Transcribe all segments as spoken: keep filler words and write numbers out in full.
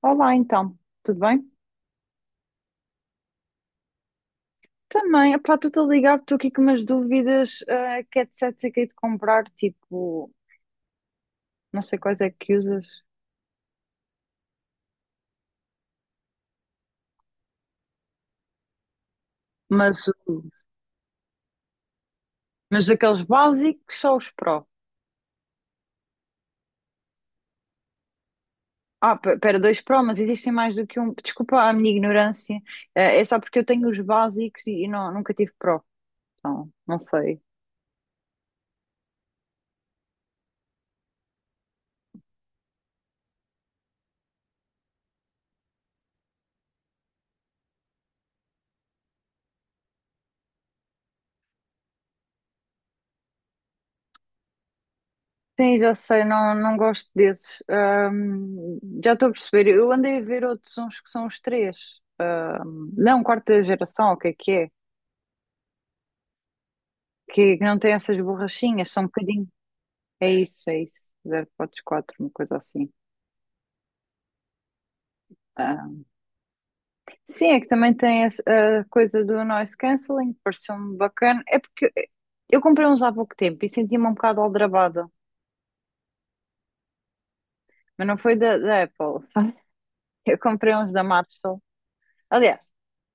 Olá, então, tudo bem? Também, epá, estou-te a ligar, estou aqui com umas dúvidas, ah, que headsets é que hei de comprar, tipo, não sei quais é que usas, mas, o- mas aqueles básicos só os Pro. Ah, pe- pera, dois Pro, mas existem mais do que um. Desculpa a minha ignorância, eh, é só porque eu tenho os básicos e, e não, nunca tive Pro, então, não sei. Sim, já sei, não, não gosto desses. Ahm, já estou a perceber, eu andei a ver outros uns que são os três. Não, quarta geração, o que é que é? Que não tem essas borrachinhas, são um bocadinho. É isso, é isso. Zero ponto quatro, uma coisa assim. Ah. Sim, é que também tem esse- a coisa do noise cancelling, pareceu-me bacana. É porque eu comprei uns há pouco tempo e senti-me um bocado aldrabada, mas não foi da, da Apple. Eu comprei uns da Mattel. Aliás,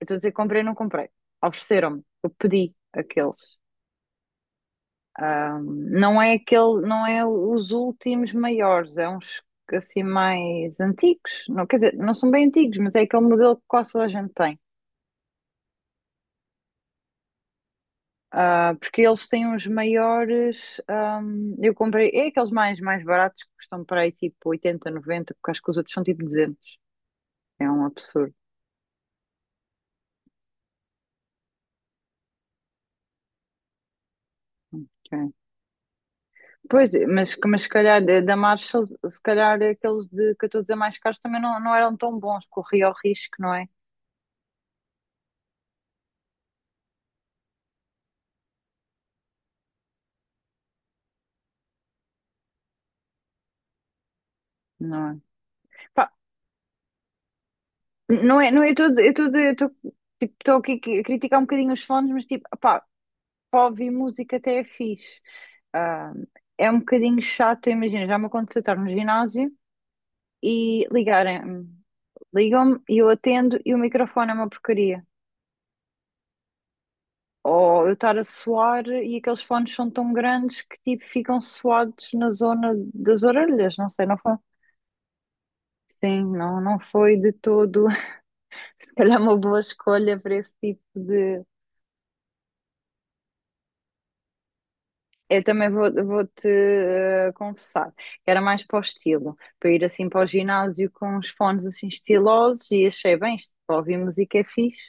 eu estou a dizer comprei, não comprei. Ofereceram-me, eu pedi aqueles. Não é aquele, não é os últimos maiores, é uns assim mais antigos. Não, quer dizer, não são bem antigos, mas é aquele modelo que quase toda a gente tem. Ah, porque eles têm uns maiores. Ahm, eu comprei, é aqueles mais, mais baratos que custam para aí tipo oitenta noventa porque acho que os outros são tipo duzentos. É um absurdo. É. Pois, mas, mas se calhar da da Marshall, se calhar aqueles de, que eu estou a dizer mais caros também não, não eram tão bons, corria o risco, não é? Não é? Pá, não é, não é, eu estou eu tô eu tô, tipo, tô aqui a criticar um bocadinho os fones, mas tipo, pá, para ouvir música até é fixe. Ah, é um bocadinho chato, imagina, já me aconteceu estar no ginásio e ligarem-me, ligam-me e eu atendo e o microfone é uma porcaria. Ou eu estar a suar e aqueles fones são tão grandes que tipo ficam suados na zona das orelhas, não sei, não foi? Sim, não, não foi de todo, se calhar uma boa escolha para esse tipo de. Eu também vou, vou-te eh, confessar, era mais para o estilo, para ir assim para o ginásio com os fones assim estilosos e achei bem, isto para ouvir música é fixe.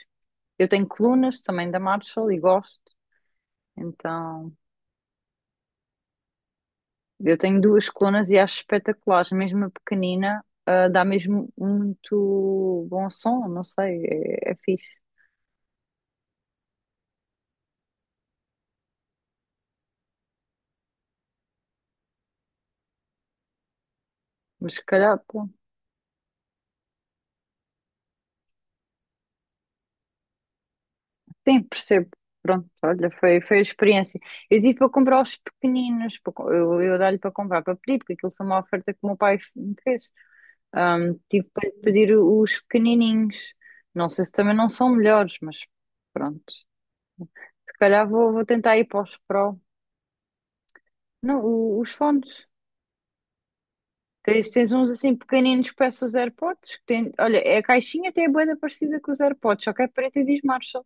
Eu tenho colunas também da Marshall e gosto, então eu tenho duas colunas e acho espetaculares, mesmo a pequenina, eh, dá mesmo muito bom som, não sei, é, é fixe, mas se calhar, pô. Sim, percebo. Pronto, olha, foi, foi a experiência. Eu tive para comprar os pequeninos, para co- eu, eu dar-lhe para comprar, para pedir, porque aquilo foi uma oferta que o meu pai me fez. Ahm, tive para lhe pedir os pequenininhos. Não sei se também não são melhores, mas pronto. Se calhar vou, vou tentar ir para os Pro. Não, o- os fones. Tens, tens uns assim pequeninos que parecem os AirPods. que tem- olha, a caixinha até é bué da parecida com os AirPods, só que é preta e diz marcha.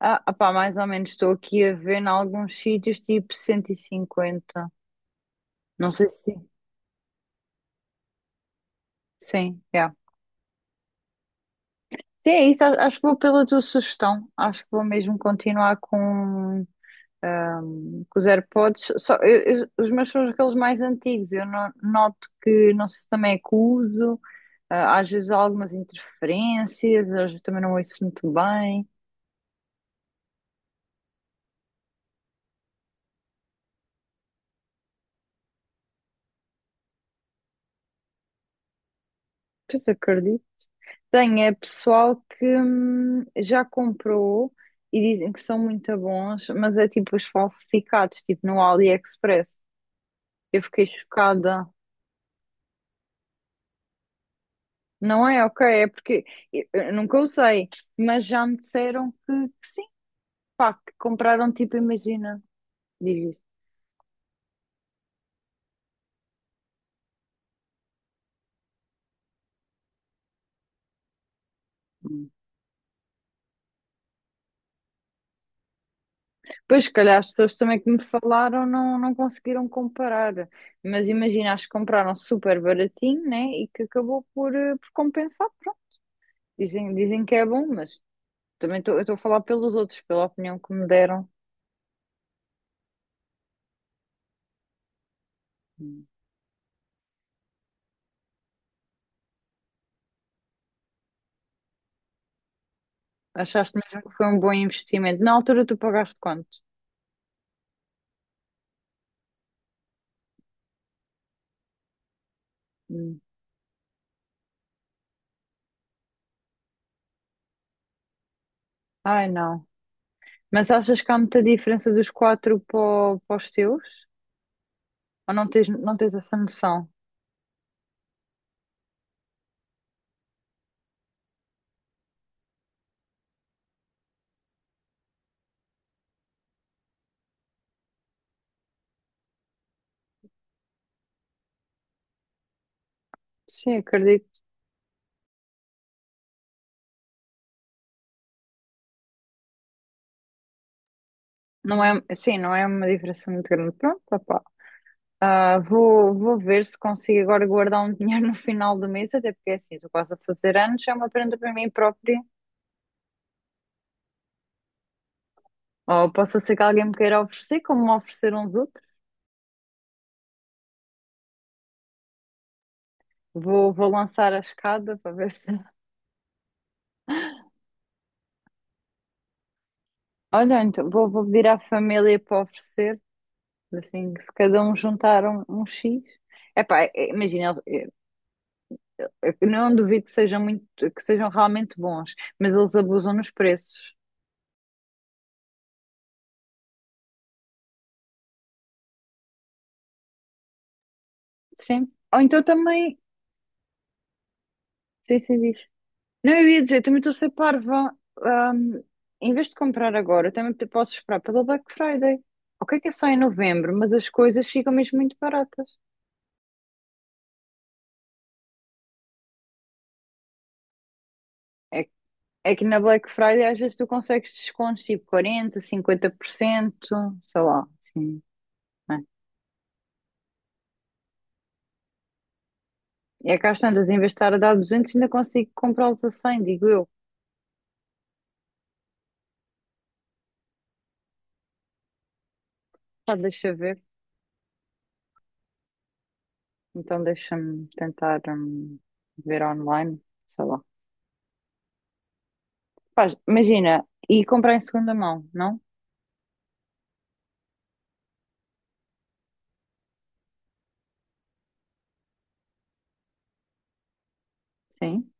Ah, opá, mais ou menos estou aqui a ver em alguns sítios tipo cento e cinquenta. Não sei se sim, é. Sim, é isso. a- Acho que vou pela tua sugestão. Acho que vou mesmo continuar com, com os AirPods. Só, eu- eu- os meus são aqueles mais antigos. Eu no- noto que, não sei se também é que uso, ah, às vezes há algumas interferências, às vezes também não ouço muito bem. Pois acredito. Tem, é pessoal que hum, já comprou e dizem que são muito bons, mas é tipo os falsificados, tipo no AliExpress. Eu fiquei chocada. Não é? Ok, é porque eu, eu nunca usei, mas já me disseram que, que sim, pá, que compraram tipo, imagina, diz isto. Pois, se calhar as pessoas também que me falaram não, não conseguiram comparar, mas imagina, acho que compraram super baratinho, né? E que acabou por, eh, por compensar, pronto. Dizem, dizem que é bom, mas. Também estou eu estou a falar pelos outros, pela opinião que me deram. Hum. Achaste mesmo que foi um bom investimento? Na altura tu pagaste quanto? Hum. Ai, não. Mas achas que há muita diferença dos quatro para, o- para os teus? Ou não tens, não tens essa noção? Sim, acredito. Não é, sim, não é uma diferença muito grande. Pronto, opá. Ah, vou, vou ver se consigo agora guardar um dinheiro no final do mês, até porque é assim, estou quase a fazer anos, é uma prenda para mim própria. Ou possa ser que alguém me queira oferecer, como me ofereceram os outros. Vou, vou lançar a escada para ver se. Olha, então vou, vou pedir à família para oferecer, assim, que cada um juntar um, um X. Epá, é- imagina, eu eu não duvido que sejam muito, que sejam realmente bons, mas eles abusam nos preços. Sim. Ou então também. Sim, sim, diz. Não, eu ia dizer, também estou a ser parva. Ahm, Em vez de comprar agora, eu também te- posso esperar pelo Black Friday. O que é que é só em novembro, mas as coisas ficam mesmo muito baratas. É É que na Black Friday às vezes tu consegues descontos tipo quarenta, cinquenta por cento, sei lá, assim, né? E é que às tantas, em vez de estar a dar duzentos, ainda consigo comprá-los a cem, digo eu. Pá, deixa ver. Então deixa-me tentar hum, ver online, sei lá. Pá, imagina, e comprar em segunda mão, não? Sim,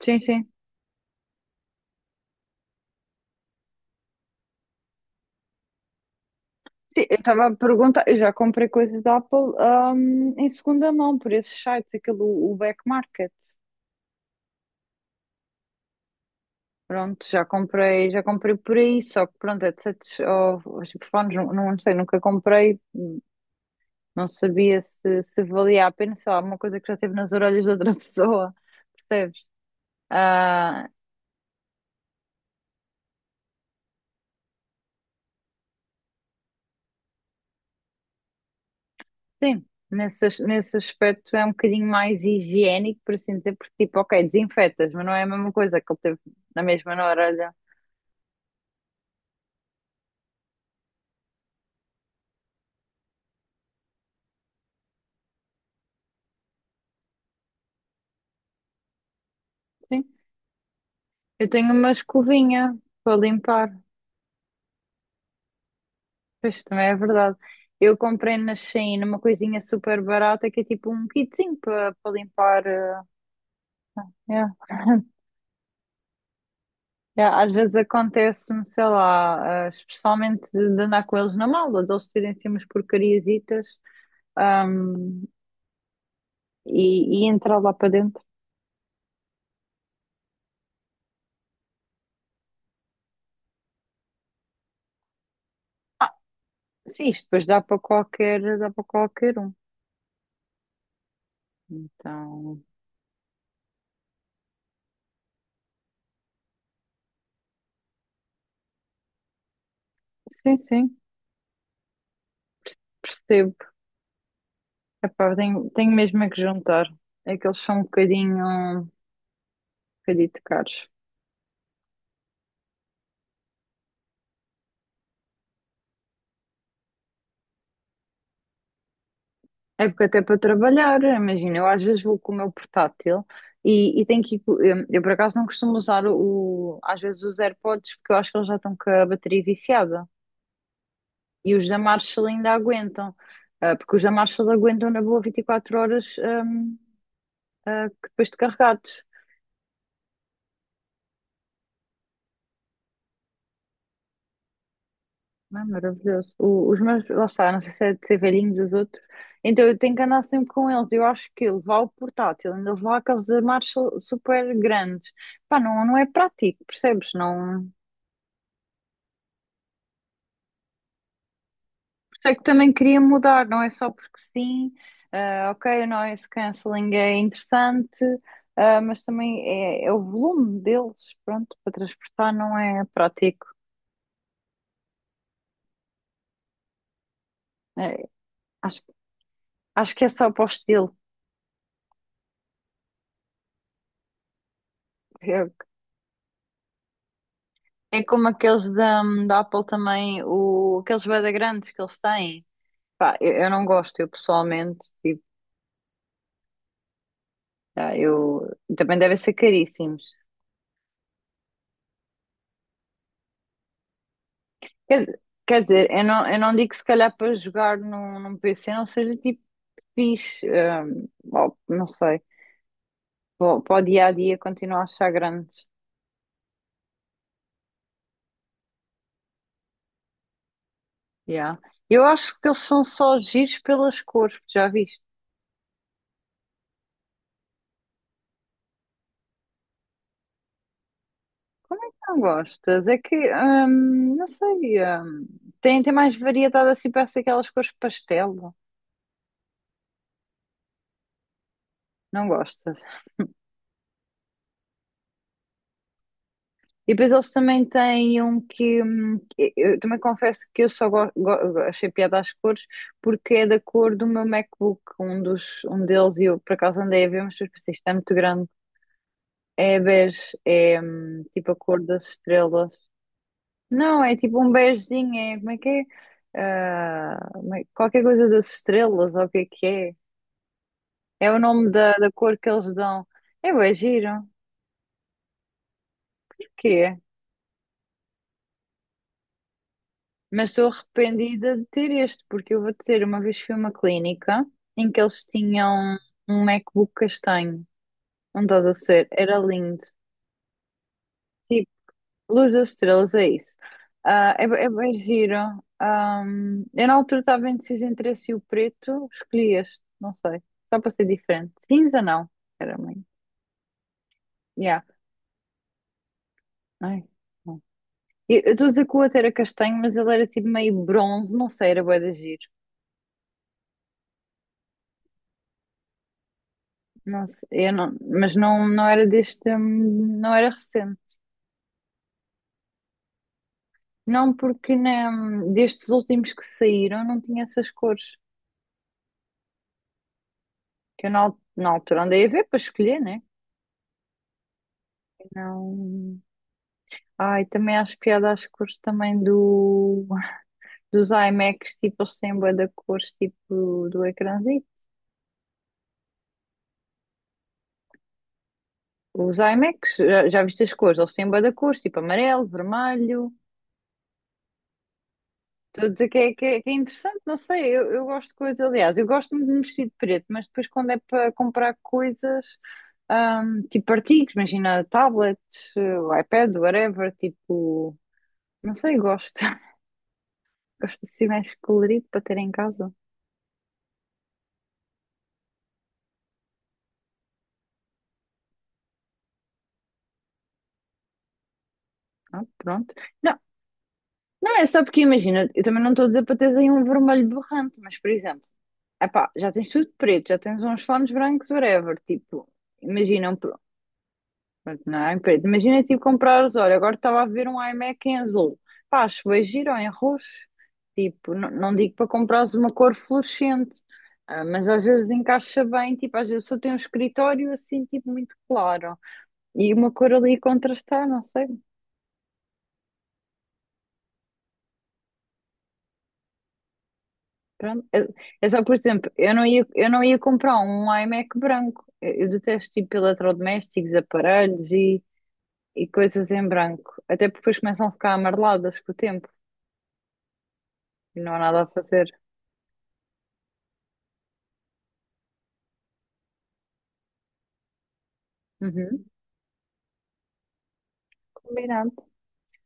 sim, sim. Sim, eu estava a perguntar, eu já comprei coisas da Apple, hum, em segunda mão, por esses sites, aquele, o o Back Market. Pronto, já comprei, já comprei por aí, só que pronto, headsets ou os telefones, não, não sei, nunca comprei, não sabia se, se valia a pena, sei lá, uma coisa que já teve nas orelhas de outra pessoa, percebes? Ah, sim, nesse, as- nesse aspecto é um bocadinho mais higiênico, por assim dizer, porque tipo, ok, desinfetas, mas não é a mesma coisa que ele teve na mesma na orelha. Sim, eu tenho uma escovinha para limpar. Pois também é verdade. Eu comprei na Shein uma coisinha super barata que é tipo um kitzinho para limpar. eh, yeah. Yeah, às vezes acontece-me, sei lá, eh, especialmente de, de andar com eles na mala, de eles terem assim umas porcariasitas ahm, e, e entrar lá para dentro. Sim, isto depois dá para qualquer, dá para qualquer um. Então, sim, sim, percebo. Epá, tenho, tenho mesmo é que juntar. É que eles são um bocadinho, um bocadinho caros. É porque até para trabalhar, imagina, eu às vezes vou com o meu portátil e, e tenho que ir, co- eu, eu por acaso não costumo usar o, às vezes os AirPods porque eu acho que eles já estão com a bateria viciada e os da Marshall ainda aguentam, ah, porque os da Marshall aguentam na boa vinte e quatro horas ahm, ah, que depois de carregados. Não é maravilhoso. O- os meus, lá está, não sei se é de ser velhinho dos outros, então eu tenho que andar sempre com eles. Eu acho que levar o portátil, ainda levar aqueles da Marshall super grandes. Pá, não, não é prático, percebes? Não. Sei que também queria mudar, não é só porque sim, ah, ok, o noise cancelling é interessante, ah, mas também é, é o volume deles, pronto, para transportar não é prático. É, acho, acho que é só para o estilo. É, é como aqueles da, da Apple também, o, aqueles bué grandes que eles têm. Pá, eu, eu não gosto, eu pessoalmente, tipo, ah, eu, também devem ser caríssimos. Quer, quer dizer, eu não, eu não digo que se calhar para jogar num, num P C não seja tipo fixe, hum, bom, não sei, para o dia a dia continuo a achar grandes. Yeah. Eu acho que eles são só giros pelas cores, que já viste? Como é que não gostas? É que, hum, não sei, hum, tem, tem mais variedade assim, parece aquelas cores pastel. Não gostas? E depois eles também têm um que, hum, que- eu também confesso que eu só go- go- achei piada às cores porque é da cor do meu MacBook, um dos, um deles, e eu por acaso andei a ver, mas depois pensei, isto é muito grande. É bege, é hum, tipo a cor das estrelas. Não, é tipo um begezinho, é como é que é? Ah, como é- qualquer coisa das estrelas, ou o que é que é? É o nome da, da cor que eles dão. É bué giro, porquê? Mas estou arrependida de ter este, porque eu vou dizer, uma vez fui a uma clínica em que eles tinham um MacBook castanho. Não estás a ser, era lindo. Tipo, Luz das Estrelas, é isso. Ah, é, é, bem giro. Ahm, eu na altura estava indecisa entre esse e o preto, escolhi este, não sei, só para ser diferente. Cinza não, era meio. Yeah. Ai, não. Eu eu estou a dizer que o outro era castanho, mas ele era tipo meio bronze, não sei, era bué de giro. Não sei, eu não, mas não, não era deste, hum, não era recente. Não, porque né, destes últimos que saíram não tinha essas cores. Que eu na, al- na altura andei a ver para escolher, né? Não. Ai, também acho piada às cores também do, dos iMacs, tipo, eles têm bué da cores, tipo, do ecrãzinho. Os iMacs, já, já viste as cores? Eles têm bué da cores, tipo, amarelo, vermelho. Estou a dizer que é, que é, que é interessante, não sei, eu, eu gosto de coisas, aliás, eu gosto muito de me vestir de preto, mas depois quando é para comprar coisas, ahm, tipo artigos, imagina tablets, eh, iPad, whatever, tipo, não sei, gosto, gosto assim mais colorido para ter em casa. Ah, pronto. Não, não, é só porque imagina, eu também não estou a dizer para teres aí um vermelho borrante, mas por exemplo, epá, já tens tudo preto, já tens uns fones brancos, whatever, tipo, imagina um, pr- não é em preto, imagina tipo comprares, olha, agora estava a ver um iMac em azul, pá, acho bem giro ou em roxo, tipo, não, não digo para comprares uma cor fluorescente, ah, mas às vezes encaixa bem, tipo, às vezes só tem um escritório assim, tipo, muito claro, e uma cor ali contrastar, não sei. Pronto. É é só por exemplo, eu não ia, eu não ia comprar um iMac branco. Eu eu detesto tipo eletrodomésticos, aparelhos e, e coisas em branco. Até porque depois começam a ficar amareladas com o tempo e não há nada a fazer. Uhum. Combinado.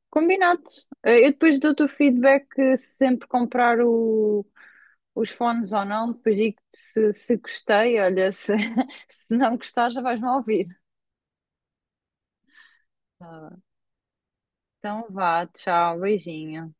Combinado. Eh, Eu depois dou-te o feedback eh, se sempre comprar o, os fones ou não. Depois digo-te se, se gostei. Olha, se, se não gostar, já vais-me ouvir. Tá bem. Então vá, tchau, beijinho.